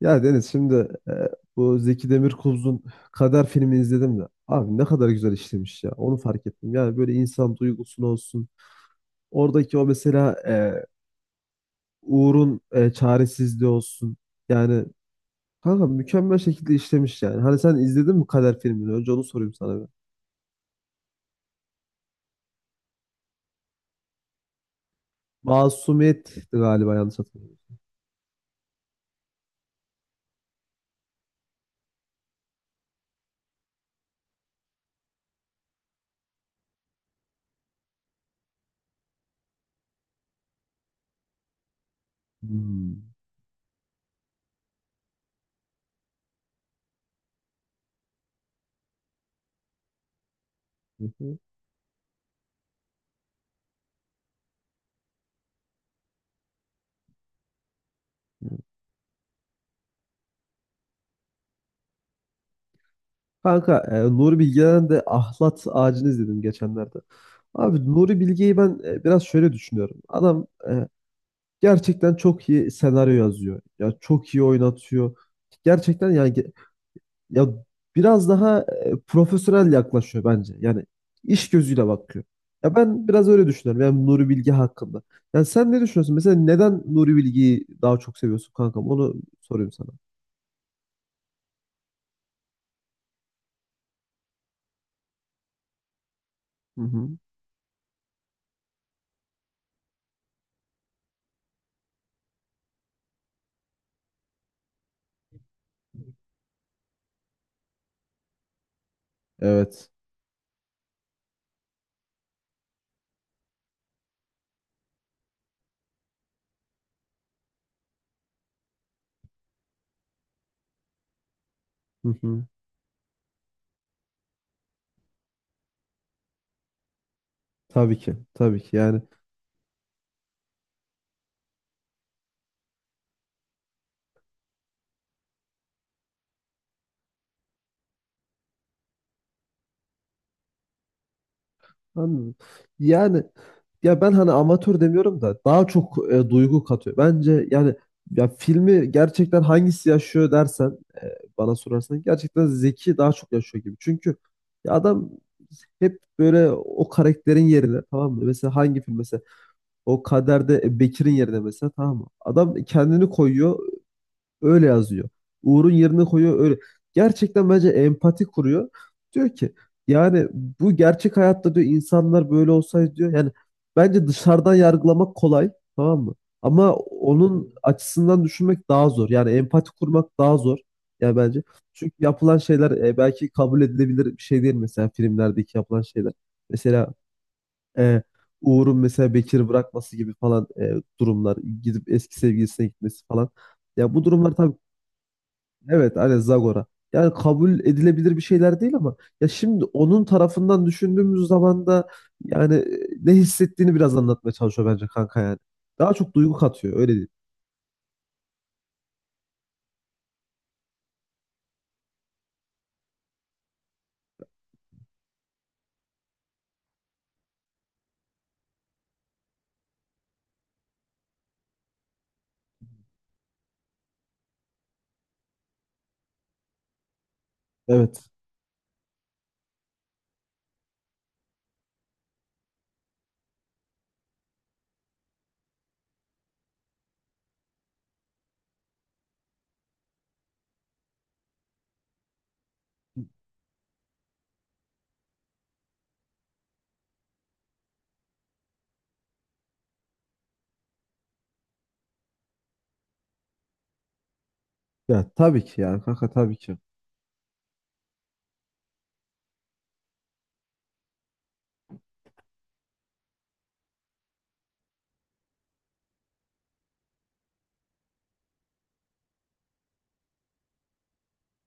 Ya Deniz şimdi bu Zeki Demirkubuz'un Kader filmini izledim de abi ne kadar güzel işlemiş ya onu fark ettim. Yani böyle insan duygusunu olsun oradaki o mesela Uğur'un çaresizliği olsun yani kanka mükemmel şekilde işlemiş yani. Hani sen izledin mi Kader filmini önce onu sorayım sana bir. Masumiyet'ti galiba yanlış hatırlamıyorum. Hmm. Hı hı. Kanka Nuri Bilge'den de Ahlat Ağacı'nı izledim geçenlerde. Abi Nuri Bilge'yi ben biraz şöyle düşünüyorum. Adam gerçekten çok iyi senaryo yazıyor. Ya çok iyi oynatıyor. Gerçekten yani ya biraz daha profesyonel yaklaşıyor bence. Yani iş gözüyle bakıyor. Ya ben biraz öyle düşünüyorum. Yani Nuri Bilge hakkında. Yani sen ne düşünüyorsun? Mesela neden Nuri Bilge'yi daha çok seviyorsun kankam? Onu sorayım sana. Hı hı. Evet. Hı hı. Tabii ki. Tabii ki. Yani anladım. Yani ya ben hani amatör demiyorum da daha çok duygu katıyor. Bence yani ya filmi gerçekten hangisi yaşıyor dersen bana sorarsan gerçekten Zeki daha çok yaşıyor gibi. Çünkü ya adam hep böyle o karakterin yerine tamam mı? Mesela hangi film mesela o Kader'de Bekir'in yerine mesela tamam mı? Adam kendini koyuyor, öyle yazıyor. Uğur'un yerine koyuyor öyle. Gerçekten bence empati kuruyor. Diyor ki yani bu gerçek hayatta diyor insanlar böyle olsaydı diyor. Yani bence dışarıdan yargılamak kolay tamam mı? Ama onun açısından düşünmek daha zor. Yani empati kurmak daha zor. Yani bence. Çünkü yapılan şeyler belki kabul edilebilir bir şey değil mesela filmlerdeki yapılan şeyler. Mesela e, Uğur'un mesela Bekir'i bırakması gibi falan durumlar. Gidip eski sevgilisine gitmesi falan. Ya bu durumlar tabii evet, aynen Zagora. Yani kabul edilebilir bir şeyler değil ama ya şimdi onun tarafından düşündüğümüz zaman da yani ne hissettiğini biraz anlatmaya çalışıyor bence kanka yani. Daha çok duygu katıyor öyle değil. Evet. Ya tabii ki yani kanka tabii ki.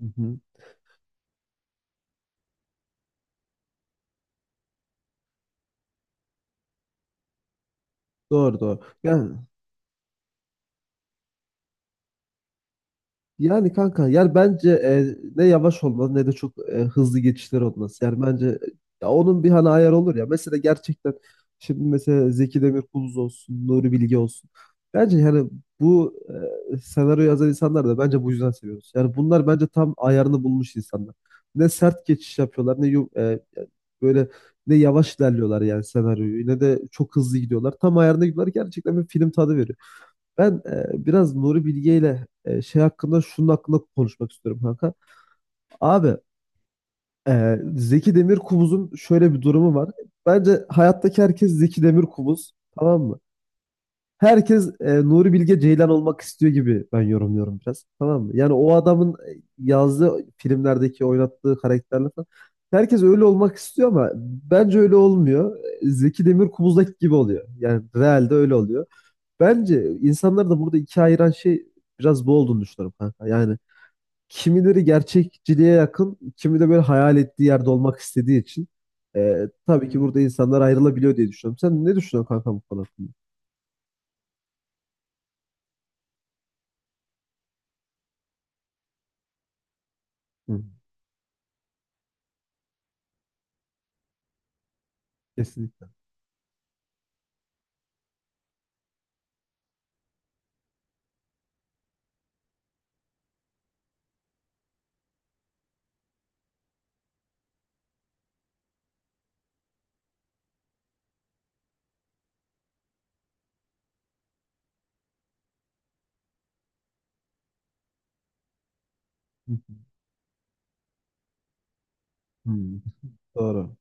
Hı hı. Doğru doğru. Yani yani kanka yani bence ne yavaş olmalı ne de çok hızlı geçişler olması. Yani bence ya onun bir hani ayarı olur ya. Mesela gerçekten şimdi mesela Zeki Demirkubuz olsun, Nuri Bilge olsun. Bence yani bu senaryo yazan insanlar da bence bu yüzden seviyoruz. Yani bunlar bence tam ayarını bulmuş insanlar. Ne sert geçiş yapıyorlar ne böyle ne yavaş ilerliyorlar yani senaryoyu ne de çok hızlı gidiyorlar. Tam ayarında gidiyorlar gerçekten bir film tadı veriyor. Ben biraz Nuri Bilge ile şey hakkında şunun hakkında konuşmak istiyorum kanka. Abi Zeki Demirkubuz'un şöyle bir durumu var. Bence hayattaki herkes Zeki Demirkubuz tamam mı? Herkes Nuri Bilge Ceylan olmak istiyor gibi ben yorumluyorum biraz tamam mı? Yani o adamın yazdığı filmlerdeki oynattığı karakterler falan. Herkes öyle olmak istiyor ama bence öyle olmuyor. Zeki Demirkubuz'daki gibi oluyor. Yani realde öyle oluyor. Bence insanları da burada ikiye ayıran şey biraz bu olduğunu düşünüyorum kanka. Yani kimileri gerçekçiliğe yakın, kimi de böyle hayal ettiği yerde olmak istediği için tabii ki burada insanlar ayrılabiliyor diye düşünüyorum. Sen ne düşünüyorsun kanka bu konu hakkında? Hı, kesinlikle. Hı hı. Hı, doğru.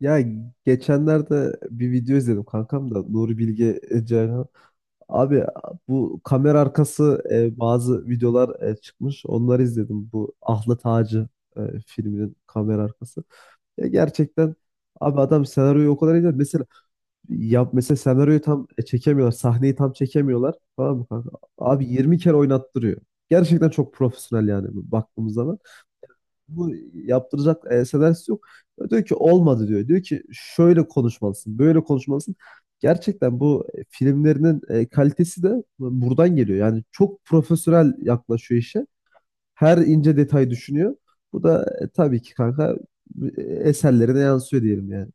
Ya geçenlerde bir video izledim kankam da Nuri Bilge Ceylan. Abi bu kamera arkası bazı videolar çıkmış. Onları izledim. Bu Ahlat Ağacı filminin kamera arkası. Ya gerçekten abi adam senaryoyu o kadar iyi mesela yap mesela senaryoyu tam çekemiyorlar. Sahneyi tam çekemiyorlar. Tamam mı kanka? Abi 20 kere oynattırıyor. Gerçekten çok profesyonel yani baktığımız zaman. Bu yaptıracak senaryosu yok. Diyor ki olmadı diyor. Diyor ki şöyle konuşmalısın, böyle konuşmalısın. Gerçekten bu filmlerinin kalitesi de buradan geliyor. Yani çok profesyonel yaklaşıyor işe. Her ince detay düşünüyor. Bu da tabii ki kanka eserlerine yansıyor diyelim yani.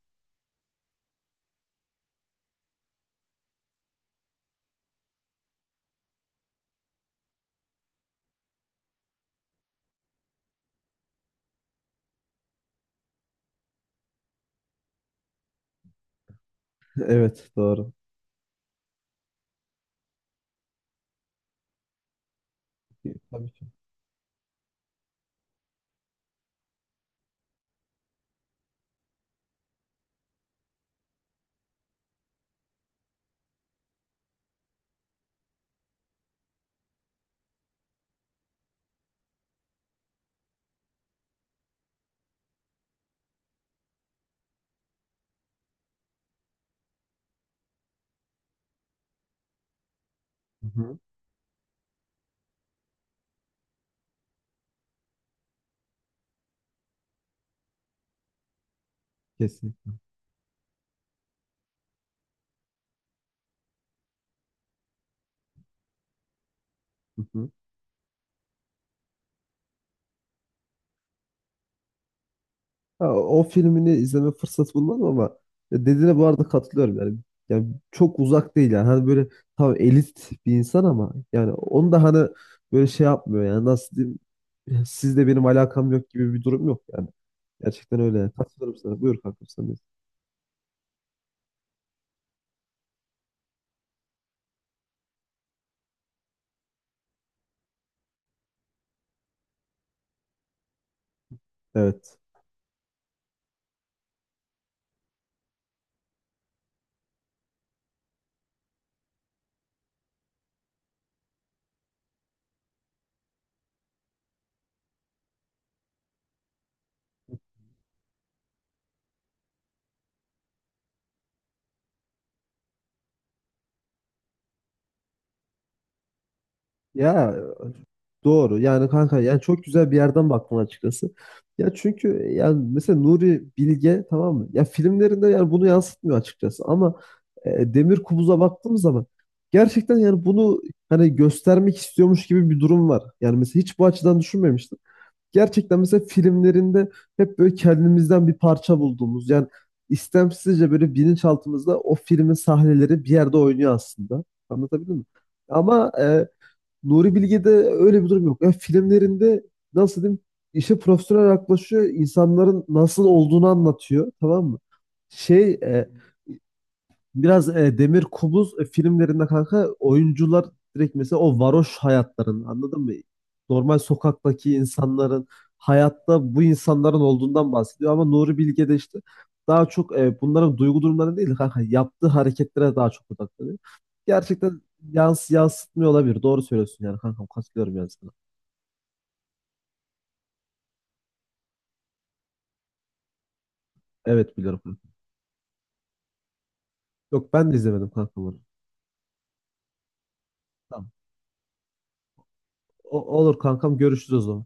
Evet doğru. Tabii ki. Hı hı. Kesin. Hı hı. Ha, o filmini izleme fırsatı bulmadım ama ya dediğine bu arada katılıyorum yani. Yani çok uzak değil yani. Hani böyle tam elit bir insan ama yani onu da hani böyle şey yapmıyor yani nasıl diyeyim, sizle benim alakam yok gibi bir durum yok yani. Gerçekten öyle yani. Katılıyorum sana. Buyur kankam sen de. Evet. Ya doğru. Yani kanka yani çok güzel bir yerden baktın açıkçası. Ya çünkü yani mesela Nuri Bilge tamam mı? Ya filmlerinde yani bunu yansıtmıyor açıkçası ama Demir Kubuz'a baktığımız zaman gerçekten yani bunu hani göstermek istiyormuş gibi bir durum var. Yani mesela hiç bu açıdan düşünmemiştim. Gerçekten mesela filmlerinde hep böyle kendimizden bir parça bulduğumuz yani istemsizce böyle bilinçaltımızda o filmin sahneleri bir yerde oynuyor aslında. Anlatabildim mi? Ama Nuri Bilge'de öyle bir durum yok. Yani filmlerinde nasıl diyeyim işe profesyonel yaklaşıyor. İnsanların nasıl olduğunu anlatıyor. Tamam mı? Şey e, Biraz Demir Kubuz filmlerinde kanka oyuncular direkt mesela o varoş hayatların anladın mı? Normal sokaktaki insanların hayatta bu insanların olduğundan bahsediyor ama Nuri Bilge de işte daha çok bunların duygu durumları değil de kanka yaptığı hareketlere daha çok odaklanıyor. Gerçekten yansıtmıyor olabilir. Doğru söylüyorsun yani kankam katılıyorum yani sana. Evet biliyorum. Yok ben de izlemedim kankam onu. Tamam. Olur kankam görüşürüz o zaman.